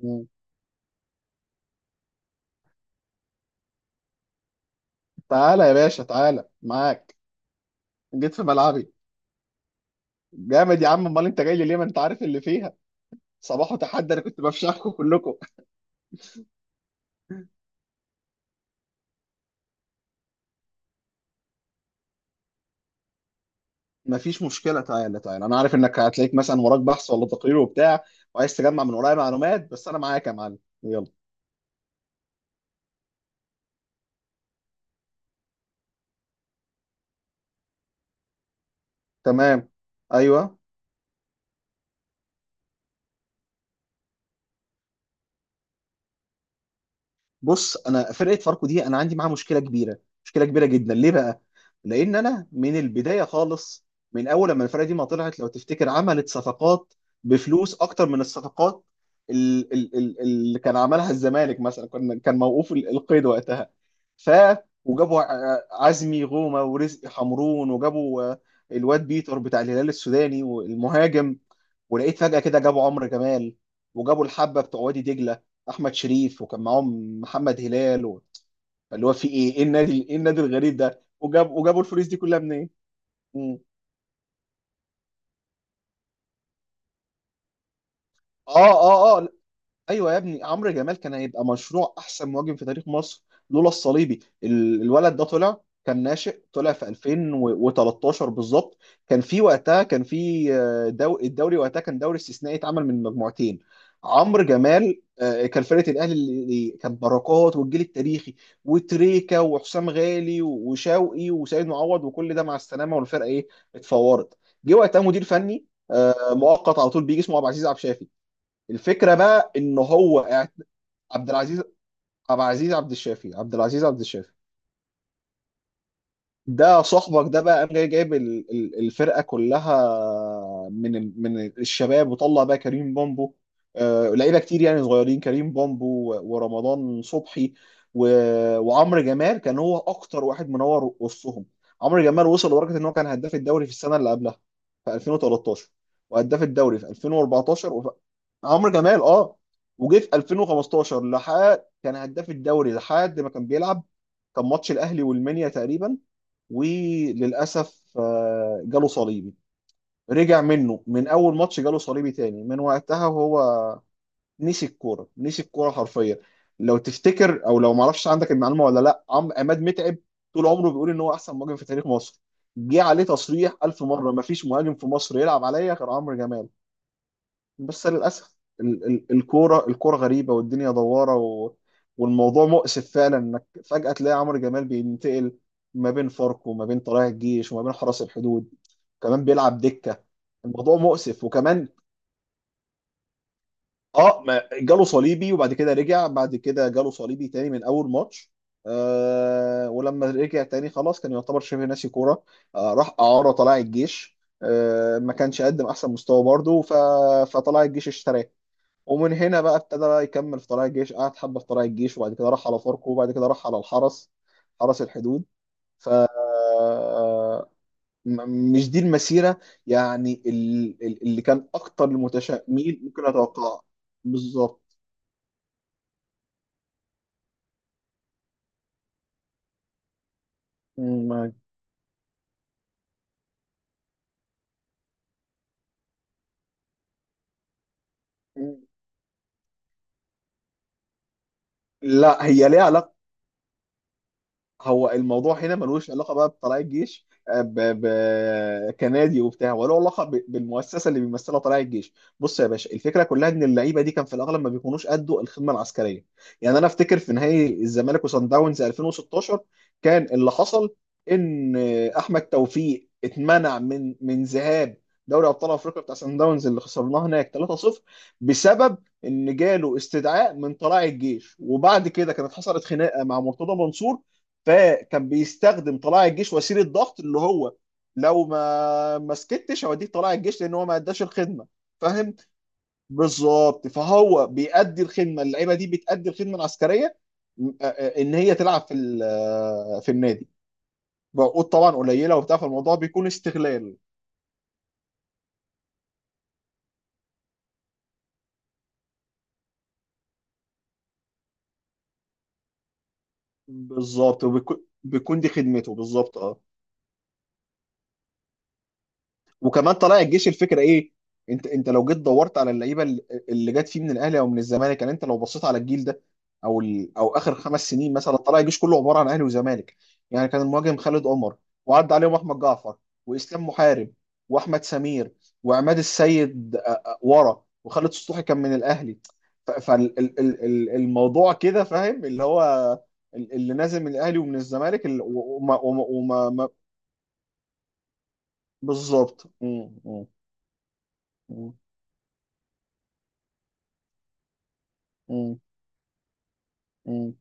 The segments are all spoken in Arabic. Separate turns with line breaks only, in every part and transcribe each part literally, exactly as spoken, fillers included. مم. تعالى يا باشا، تعالى معاك. جيت في ملعبي؟ جامد يا عم، امال انت جاي لي ليه؟ ما انت عارف اللي فيها. صباح وتحدي، انا كنت بفشخكم كلكم. مفيش مشكله، تعالى تعالى، انا عارف انك هتلاقيك مثلا وراك بحث ولا تقرير وبتاع، وعايز تجمع من ورايا معلومات، بس انا معاك يا معلم، يلا. تمام. ايوه. بص، انا فرقه فاركو دي انا عندي معاها مشكله كبيره، مشكله كبيره جدا. ليه بقى؟ لان انا من البدايه خالص، من اول لما الفرقه دي ما طلعت لو تفتكر، عملت صفقات بفلوس اكتر من الصفقات ال- ال- ال- اللي كان عملها الزمالك مثلا. كان كان موقوف ال- القيد وقتها، ف وجابوا ع- عزمي غومه ورزق حمرون، وجابوا آه، الواد بيتر بتاع الهلال السوداني والمهاجم. ولقيت فجأة كده جابوا عمرو جمال، وجابوا الحبة بتوع وادي دجلة أحمد شريف، وكان معاهم محمد هلال و... اللي هو في إيه؟ إيه النادي، إيه النادي الغريب ده؟ وجاب وجابوا الفلوس دي كلها منين؟ مم. آه آه آه ايوه يا ابني، عمرو جمال كان هيبقى مشروع احسن مهاجم في تاريخ مصر لولا الصليبي. ال- الولد ده طلع كان ناشئ، طلع في ألفين وثلاثة عشر بالظبط. كان في وقتها كان في آه، دو الدوري وقتها كان دوري استثنائي اتعمل من مجموعتين. عمرو جمال، آه، كان فرقه الاهلي اللي اللي كان بركات والجيل التاريخي وتريكا وحسام غالي وشوقي وسيد معوض، وكل ده مع السلامه، والفرقه ايه، اتفورت. جه وقتها مدير فني آه، مؤقت على طول، بيجي اسمه عبد العزيز عبد الشافي. الفكره بقى ان هو اعت- عبد العزيز، عبد العزيز عبد الشافي، عبد العزيز عبد الشافي ده صاحبك ده بقى، قام جاي جايب ال- ال- الفرقه كلها من ال- من الشباب. وطلع بقى كريم بامبو، آه، لعيبه كتير يعني صغيرين، كريم بامبو و- ورمضان صبحي و- وعمرو جمال. كان هو اكتر واحد منور وسطهم. عمرو جمال وصل لدرجه ان هو كان هداف الدوري في السنه اللي قبلها، في ألفين وثلاثتاشر، وهداف الدوري في ألفين وأربعتاشر وف... عمرو جمال، اه. وجه في ألفين وخمسة عشر لحد كان هداف الدوري، لحد ما كان بيلعب. كان ماتش الاهلي والمنيا تقريبا، وللاسف آه، جاله صليبي، رجع منه من اول ماتش جاله صليبي تاني. من وقتها وهو نسي الكوره، نسي الكوره حرفيا. لو تفتكر او لو ما اعرفش عندك المعلومه ولا لا، عم عماد متعب طول عمره بيقول ان هو احسن مهاجم في تاريخ مصر. جه عليه تصريح الف مره: ما فيش مهاجم في مصر يلعب عليا غير عمرو جمال. بس للأسف ال- ال- الكورة، الكورة غريبة والدنيا دوارة و... والموضوع مؤسف فعلا، انك فجأة تلاقي عمرو جمال بينتقل ما بين فاركو وما بين طلائع الجيش وما بين حرس الحدود، كمان بيلعب دكة. الموضوع مؤسف. وكمان، اه، ما جاله صليبي، وبعد كده رجع، بعد كده جاله صليبي تاني من اول ماتش. آه، ولما رجع تاني خلاص كان يعتبر شبه ناسي كورة. آه، راح إعارة طلائع الجيش، آه، ما كانش قدم احسن مستوى برضه، ف... فطلائع الجيش اشتراه. ومن هنا بقى ابتدى بقى يكمل في طلائع الجيش، قعد حبه في طلائع الجيش، وبعد كده راح على فاركو، وبعد كده راح على الحرس، حرس الحدود. ف م- مش دي المسيره يعني ال- ال- اللي كان اكتر المتشائمين ممكن اتوقعها. بالظبط. م- لا، هي ليها علاقه. هو الموضوع هنا ملوش علاقه بقى بطلائع الجيش آه، ب... ب... كنادي وبتاع، وله علاقه ب... بالمؤسسه اللي بيمثلها طلائع الجيش. بص يا باشا، الفكره كلها ان اللعيبه دي كان في الاغلب ما بيكونوش قدوا الخدمه العسكريه. يعني انا افتكر في نهائي الزمالك وصن داونز ألفين وستاشر كان اللي حصل، ان آه، احمد توفيق اتمنع من من ذهاب دوري ابطال افريقيا بتاع سان داونز، اللي خسرناه هناك ثلاثة صفر، بسبب ان جاله استدعاء من طلائع الجيش. وبعد كده كانت حصلت خناقه مع مرتضى منصور، فكان بيستخدم طلائع الجيش وسيله ضغط، اللي هو لو ما ما سكتش هوديك طلائع الجيش، لان هو ما اداش الخدمه. فاهم؟ بالظبط. فهو بيأدي الخدمه، اللعيبه دي بتأدي الخدمه العسكريه م- آ- آ- ان هي تلعب في ال- في النادي، بقول طبعا قليله وبتاع، فالموضوع بيكون استغلال. بالظبط، وبيكون، بيكون دي خدمته بالظبط، اه. وكمان طلائع الجيش، الفكره ايه؟ انت انت لو جيت دورت على اللعيبه اللي اللي جت فيه من الاهلي او من الزمالك، يعني انت لو بصيت على الجيل ده، او ال... او اخر خمس سنين مثلا، طلائع الجيش كله عباره عن اهلي وزمالك. يعني كان المهاجم خالد عمر، وعدى عليهم احمد جعفر واسلام محارب واحمد سمير وعماد السيد، آه، آه، ورا، وخالد سطوحي كان من الاهلي. فالموضوع كده فاهم، اللي هو ال- اللي نازل من الاهلي ومن الزمالك ال- وما وما وما ما- بالظبط. مم، مم، مم. مم. مم.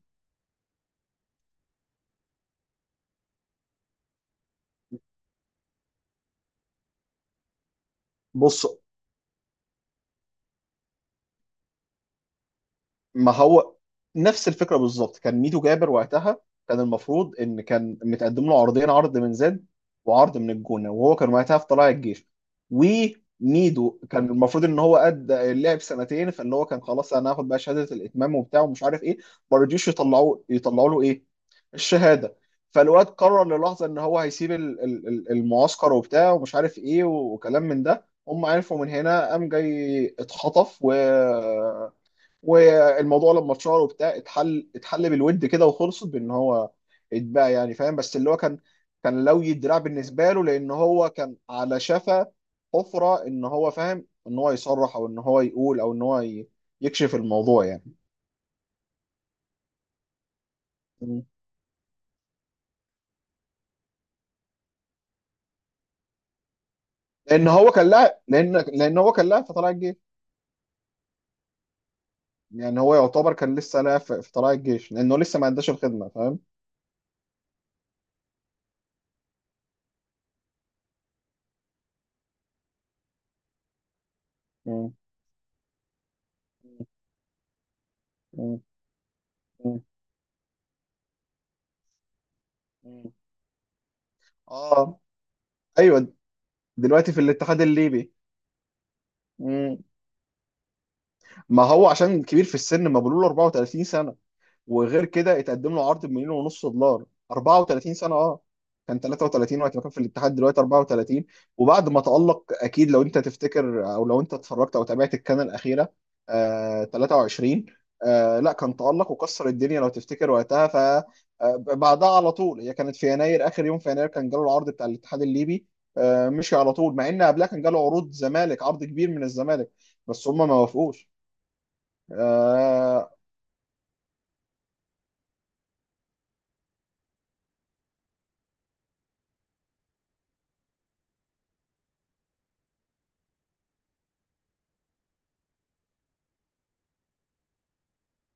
بص، ما هو نفس الفكره بالظبط. كان ميدو جابر وقتها كان المفروض ان كان متقدم له عرضين، عرض من زد وعرض من الجونه، وهو كان وقتها في طلائع الجيش. وميدو كان المفروض ان هو ادى اللعب سنتين، فاللي هو كان خلاص، انا هاخد بقى شهاده الاتمام وبتاع ومش عارف ايه. ما رضيوش يطلعوا، يطلعوا له ايه، الشهاده. فالواد قرر للحظه ان هو هيسيب ال- ال- ال- المعسكر وبتاع ومش عارف ايه وكلام من ده. هم عرفوا من هنا، قام جاي اتخطف. و والموضوع لما اتشهر وبتاع، اتحل، اتحل بالود كده، وخلصت بان هو اتباع يعني. فاهم؟ بس اللي هو كان، كان لوي الدراع بالنسبه له، لان هو كان على شفا حفره، ان هو فاهم ان هو يصرح، او ان هو يقول، او ان هو ي- يكشف الموضوع يعني. م. لان هو كان لاعب، لان لان هو كان لاعب في طلائع الجيش. يعني هو يعتبر كان لسه لاعب في في طلائع الجيش، لانه لسه ما عندهاش الخدمه. فاهم؟ م. م. م. م. اه، ايوه، دلوقتي في الاتحاد الليبي. ما هو عشان كبير في السن، ما بيقولوا له أربعة وثلاثين سنة، وغير كده اتقدم له عرض بمليون ونص دولار. أربعة وثلاثين سنة، اه، كان ثلاثة وثلاثين وقت ما كان في الاتحاد، دلوقتي أربعة وثلاثين. وبعد ما تألق، اكيد لو انت تفتكر او لو انت اتفرجت او تابعت الكان الأخيرة، آه، ثلاثة وعشرين، آه، لا، كان تألق وكسر الدنيا لو تفتكر وقتها. ف آه، بعدها على طول، هي كانت في يناير، اخر يوم في يناير كان جاله العرض بتاع الاتحاد الليبي. آه، مشي على طول، مع ان قبلها كان جاله عروض زمالك، عرض كبير من الزمالك، بس هم ما وافقوش. آه.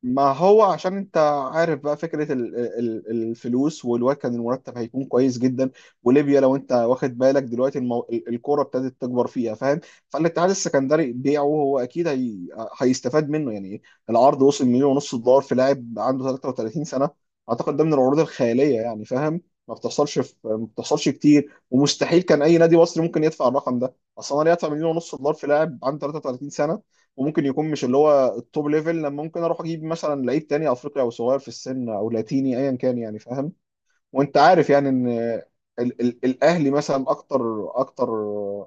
ما هو عشان انت عارف بقى فكرة ال- ال- الفلوس، والواد كان المرتب هيكون كويس جدا. وليبيا لو انت واخد بالك دلوقتي، المو... ال- الكورة ابتدت تكبر فيها. فاهم؟ فالاتحاد السكندري بيعه هو اكيد هي... هيستفاد منه يعني. العرض وصل مليون ونص دولار في لاعب عنده ثلاثة وثلاثين سنة، اعتقد ده من العروض الخيالية يعني. فاهم؟ ما بتحصلش في... ما بتحصلش كتير. ومستحيل كان اي نادي مصري ممكن يدفع الرقم ده اصلا، يدفع مليون ونص دولار في لاعب عنده ثلاثة وثلاثين سنة، وممكن يكون مش اللي هو التوب ليفل، لما ممكن اروح اجيب مثلا لعيب تاني افريقي، او صغير في السن، او لاتيني ايا كان يعني. فاهم؟ وانت عارف يعني ان ال ال الاهلي مثلا اكتر اكتر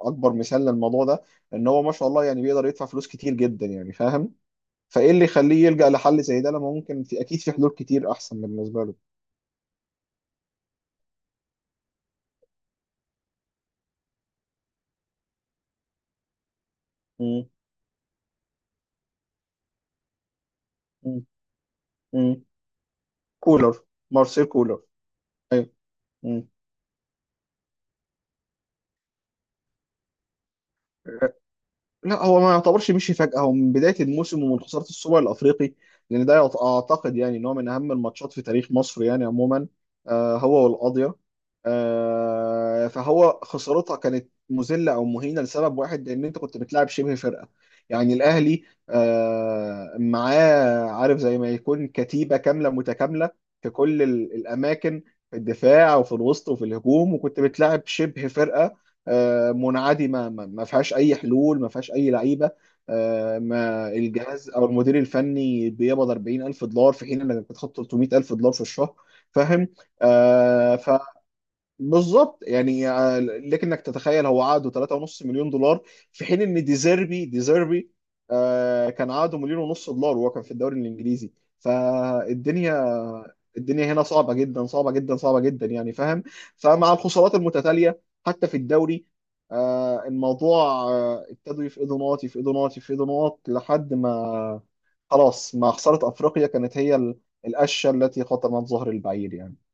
اكبر مثال للموضوع ده، ان هو ما شاء الله يعني بيقدر يدفع فلوس كتير جدا يعني. فاهم؟ فايه اللي يخليه يلجأ لحل زي ده، لما ممكن في اكيد في حلول كتير احسن بالنسبه له. مم. مم. مم. كولر، مارسيل كولر، ايوه. مم. لا، هو ما يعتبرش مشي فجأة، هو من بداية الموسم ومن خسارة السوبر الأفريقي. لأن ده يعت- أعتقد يعني إن هو من أهم الماتشات في تاريخ مصر يعني عموما، آه، هو والقاضية. آه، فهو خسارتها كانت مذلة أو مهينة لسبب واحد، لأن أنت كنت بتلعب شبه فرقة، يعني الأهلي آه، معاه، عارف، زي ما يكون كتيبة كاملة متكاملة في كل ال- الأماكن، في الدفاع وفي الوسط وفي الهجوم. وكنت بتلعب شبه فرقة آه، منعدمه، ما ما فيهاش اي حلول، ما فيهاش اي لعيبه، آه، ما الجهاز او المدير الفني بيقبض أربعين ألف دولار في حين انك بتاخد ثلاثمائة ألف دولار في الشهر. فاهم؟ بالظبط يعني. آه، لكنك تتخيل هو عقده ثلاثة ونص مليون دولار، في حين ان ديزيربي، ديزيربي آه، كان عقده مليون ونص دولار وهو كان في الدوري الانجليزي. فالدنيا الدنيا هنا صعبه جدا، صعبه جدا، صعبه جدا يعني. فاهم؟ فمع الخسارات المتتاليه حتى في الدوري، آه، الموضوع آه، ابتدوا يفقدوا نقاط، يفقدوا نقاط، يفقدوا نقاط، لحد ما خلاص مع خساره افريقيا كانت هي ال- القشه التي خطمت ظهر البعير يعني.